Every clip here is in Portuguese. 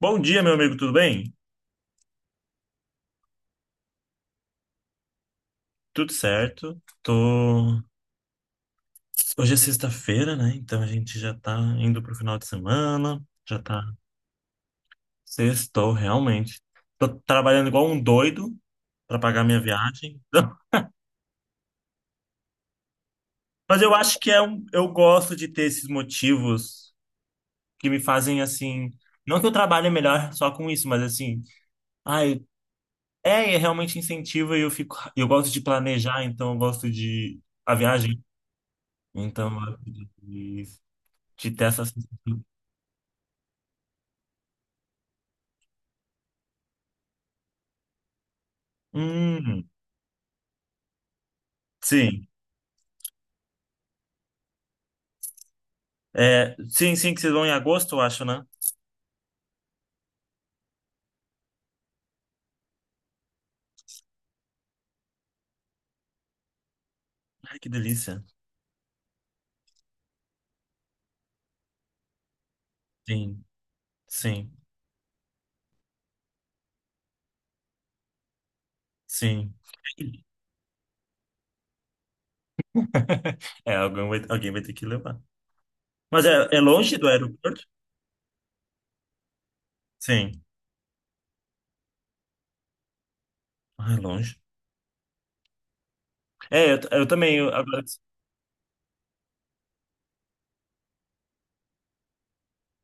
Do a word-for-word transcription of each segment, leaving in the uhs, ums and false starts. Bom dia, meu amigo, tudo bem? Tudo certo. Tô... Hoje é sexta-feira, né? Então a gente já tá indo pro final de semana, já tá sextou, realmente. Tô trabalhando igual um doido pra pagar minha viagem. Mas eu acho que é um... eu gosto de ter esses motivos que me fazem assim. Não que eu trabalhe melhor só com isso, mas assim. Ai, é, é realmente incentivo e eu fico. Eu gosto de planejar, então eu gosto de. A viagem. Então eu gosto de de ter essa sensação. Hum, sim. É, sim, sim, que vocês vão em agosto, eu acho, né? Ai, que delícia. Sim, sim, sim. É, alguém vai, alguém vai ter que levar. Mas é, é longe do aeroporto? Sim. Ah, é longe. É, eu, t- eu também. eu- agora,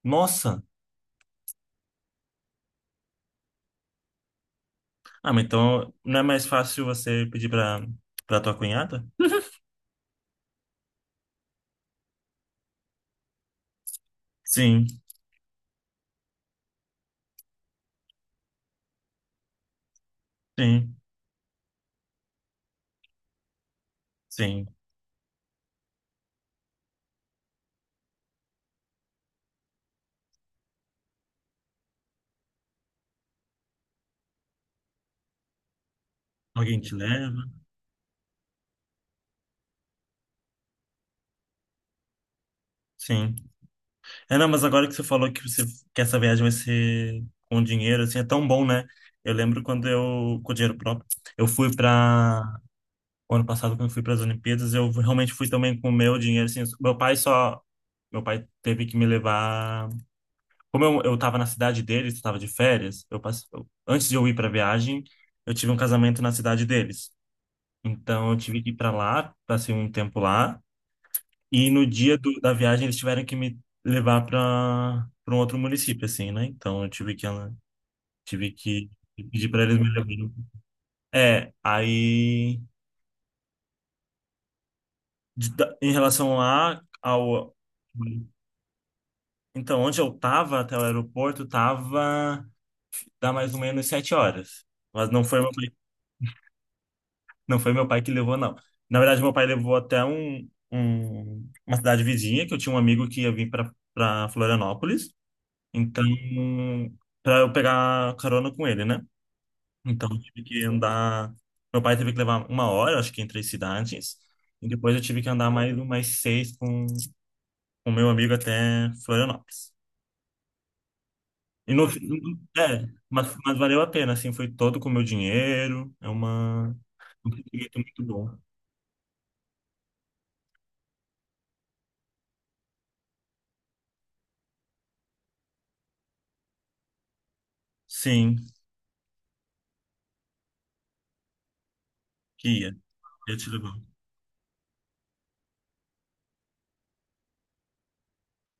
nossa! Ah, mas então não é mais fácil você pedir pra, pra tua cunhada? Sim, sim, sim. Alguém te leva? Sim. É, não, mas agora que você falou que você que essa viagem vai ser com dinheiro, assim, é tão bom, né? Eu lembro quando eu, com dinheiro próprio, eu fui para o ano passado, quando eu fui para as Olimpíadas, eu realmente fui também com o meu dinheiro, assim, meu pai só, meu pai teve que me levar, como eu, eu tava na cidade deles, estava de férias, eu passei, antes de eu ir para a viagem, eu tive um casamento na cidade deles. Então eu tive que ir para lá, passei um tempo lá, e no dia do- da viagem eles tiveram que me levar para para um outro município, assim, né? Então eu tive que tive que pedir para eles me levarem. É, aí de- da- em relação lá ao então onde eu tava até o aeroporto tava dá mais ou menos sete horas, mas não foi meu pai, não foi meu pai que levou não. Na verdade meu pai levou até um, um- uma cidade vizinha que eu tinha um amigo que ia vir para para Florianópolis. Então, para eu pegar carona com ele, né? Então, eu tive que andar. Meu pai teve que levar uma hora, acho que entre as cidades. E depois eu tive que andar mais umas seis com o meu amigo até Florianópolis. E no, é, mas, mas valeu a pena, assim, foi todo com o meu dinheiro. É uma, um sentimento muito bom. Sim, Kia, eu te levar.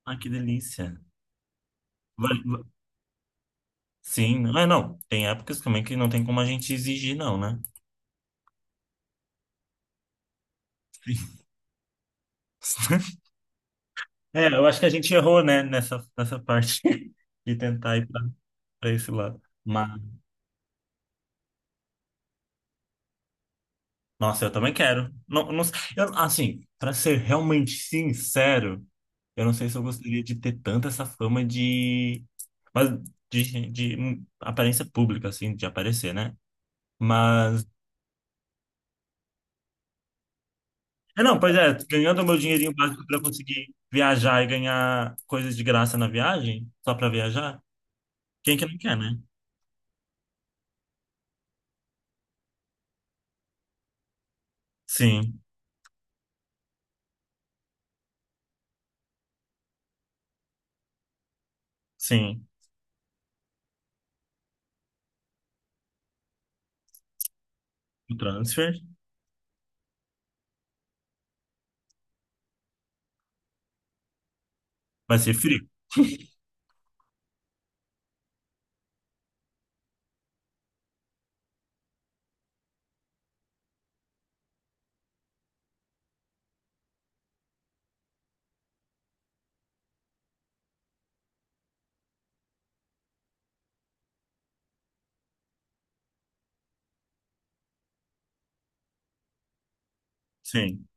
Ah, que delícia. Vale- va- Sim, ah, não. Tem épocas também que não tem como a gente exigir, não, né? É, eu acho que a gente errou, né, nessa, nessa parte de tentar ir pra pra esse lado. Mas, nossa, eu também quero. Não, não, eu, assim, pra ser realmente sincero, eu não sei se eu gostaria de ter tanta essa fama de, mas de, de hum, aparência pública, assim, de aparecer, né? Mas, é, não, pois é, ganhando o meu dinheirinho básico pra eu conseguir viajar e ganhar coisas de graça na viagem, só pra viajar, quem que não quer, né? Sim, sim. O transfer vai ser frio. Sim.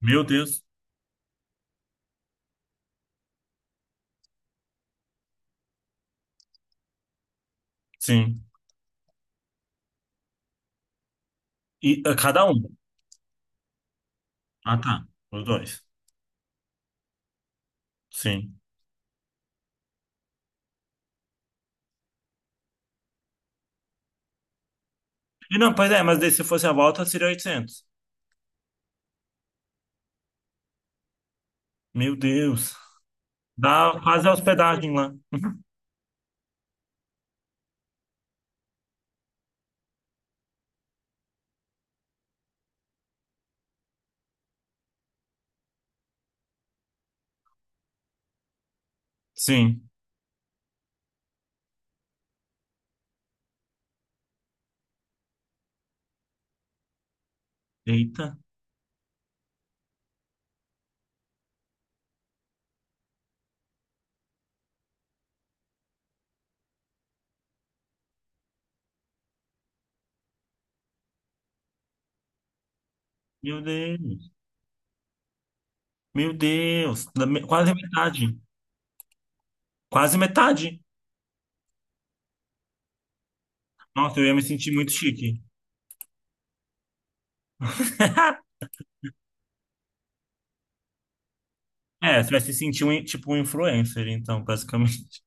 Meu Deus. Sim. E a cada um? Ah, tá. Os dois. Sim. E não, pois é, mas daí se fosse a volta seria oitocentos. Meu Deus. Dá quase a hospedagem lá. Sim. Eita. Meu Deus. Meu Deus. Da me- Quase metade. Quase metade. Nossa, eu ia me sentir muito chique. É, você vai se sentir um, in- tipo um influencer, então, basicamente.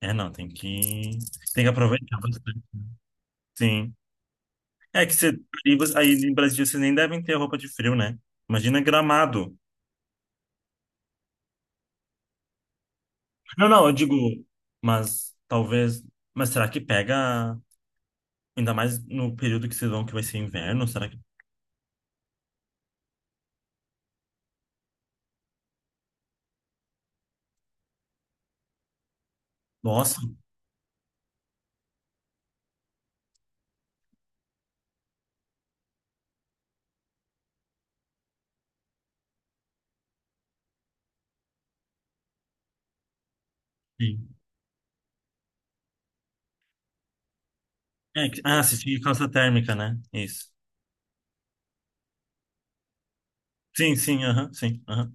É, não, tem que... Tem que aproveitar bastante. Sim. É que você, aí você- aí em Brasília vocês nem devem ter roupa de frio, né? Imagina Gramado. Não, não, eu digo, mas talvez. Mas será que pega, ainda mais no período que vocês vão, que vai ser inverno? Será que. Nossa, sim. É, que- ah, se tinha calça térmica, né? Isso. Sim, sim, aham, sim, aham.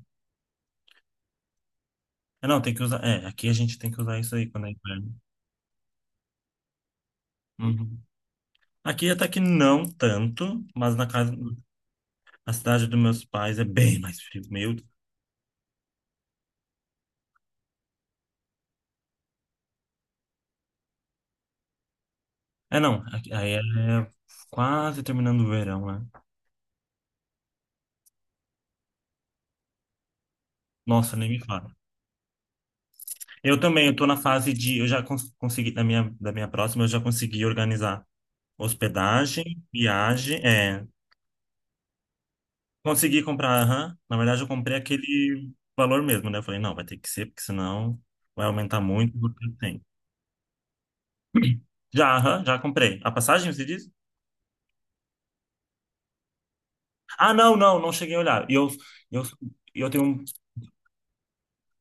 É, não, tem que usar. É, aqui a gente tem que usar isso aí quando é inverno. Uhum. Aqui até que não tanto, mas na casa, na cidade dos meus pais é bem mais frio. Meu é, não. aqui- Aí é quase terminando o verão, né? Nossa, nem me fala. Eu também, eu tô na fase de... Eu já cons- consegui, da minha, da minha próxima, eu já consegui organizar hospedagem, viagem, é... Consegui comprar, aham. Na verdade, eu comprei aquele valor mesmo, né? Eu falei, não, vai ter que ser, porque senão vai aumentar muito o que eu tenho. Já, aham, já comprei. A passagem, você diz? Ah, não, não, não cheguei a olhar. E eu, eu, eu tenho um...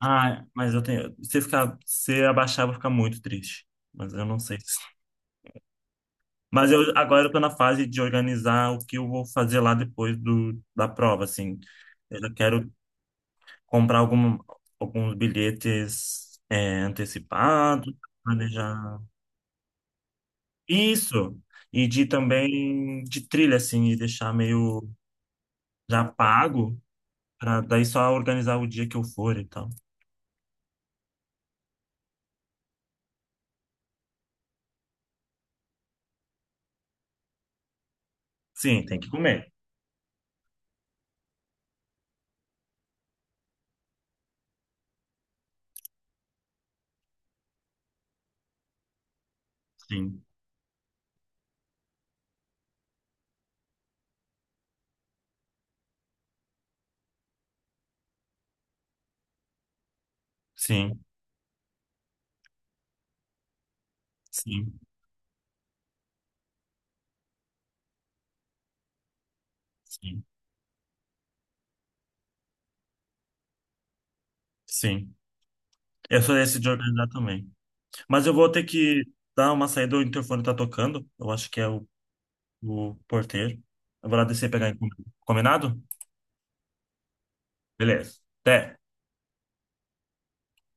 Ah, mas eu tenho... Se ficar, se abaixar, eu vou ficar muito triste. Mas eu não sei. Mas eu agora eu tô na fase de organizar o que eu vou fazer lá depois do, da prova, assim. Eu já quero comprar algum, alguns bilhetes é, antecipados, planejar isso, e de também de trilha, assim, e deixar meio já pago, para daí só organizar o dia que eu for e tal. Sim, tem que comer. Sim, sim, sim, sim, sim. Eu sou esse de organizar também. Mas eu vou ter que dar uma saída, o interfone tá tocando. Eu acho que é o, o porteiro. Eu vou lá descer e pegar a encomenda. Combinado? Beleza. Até.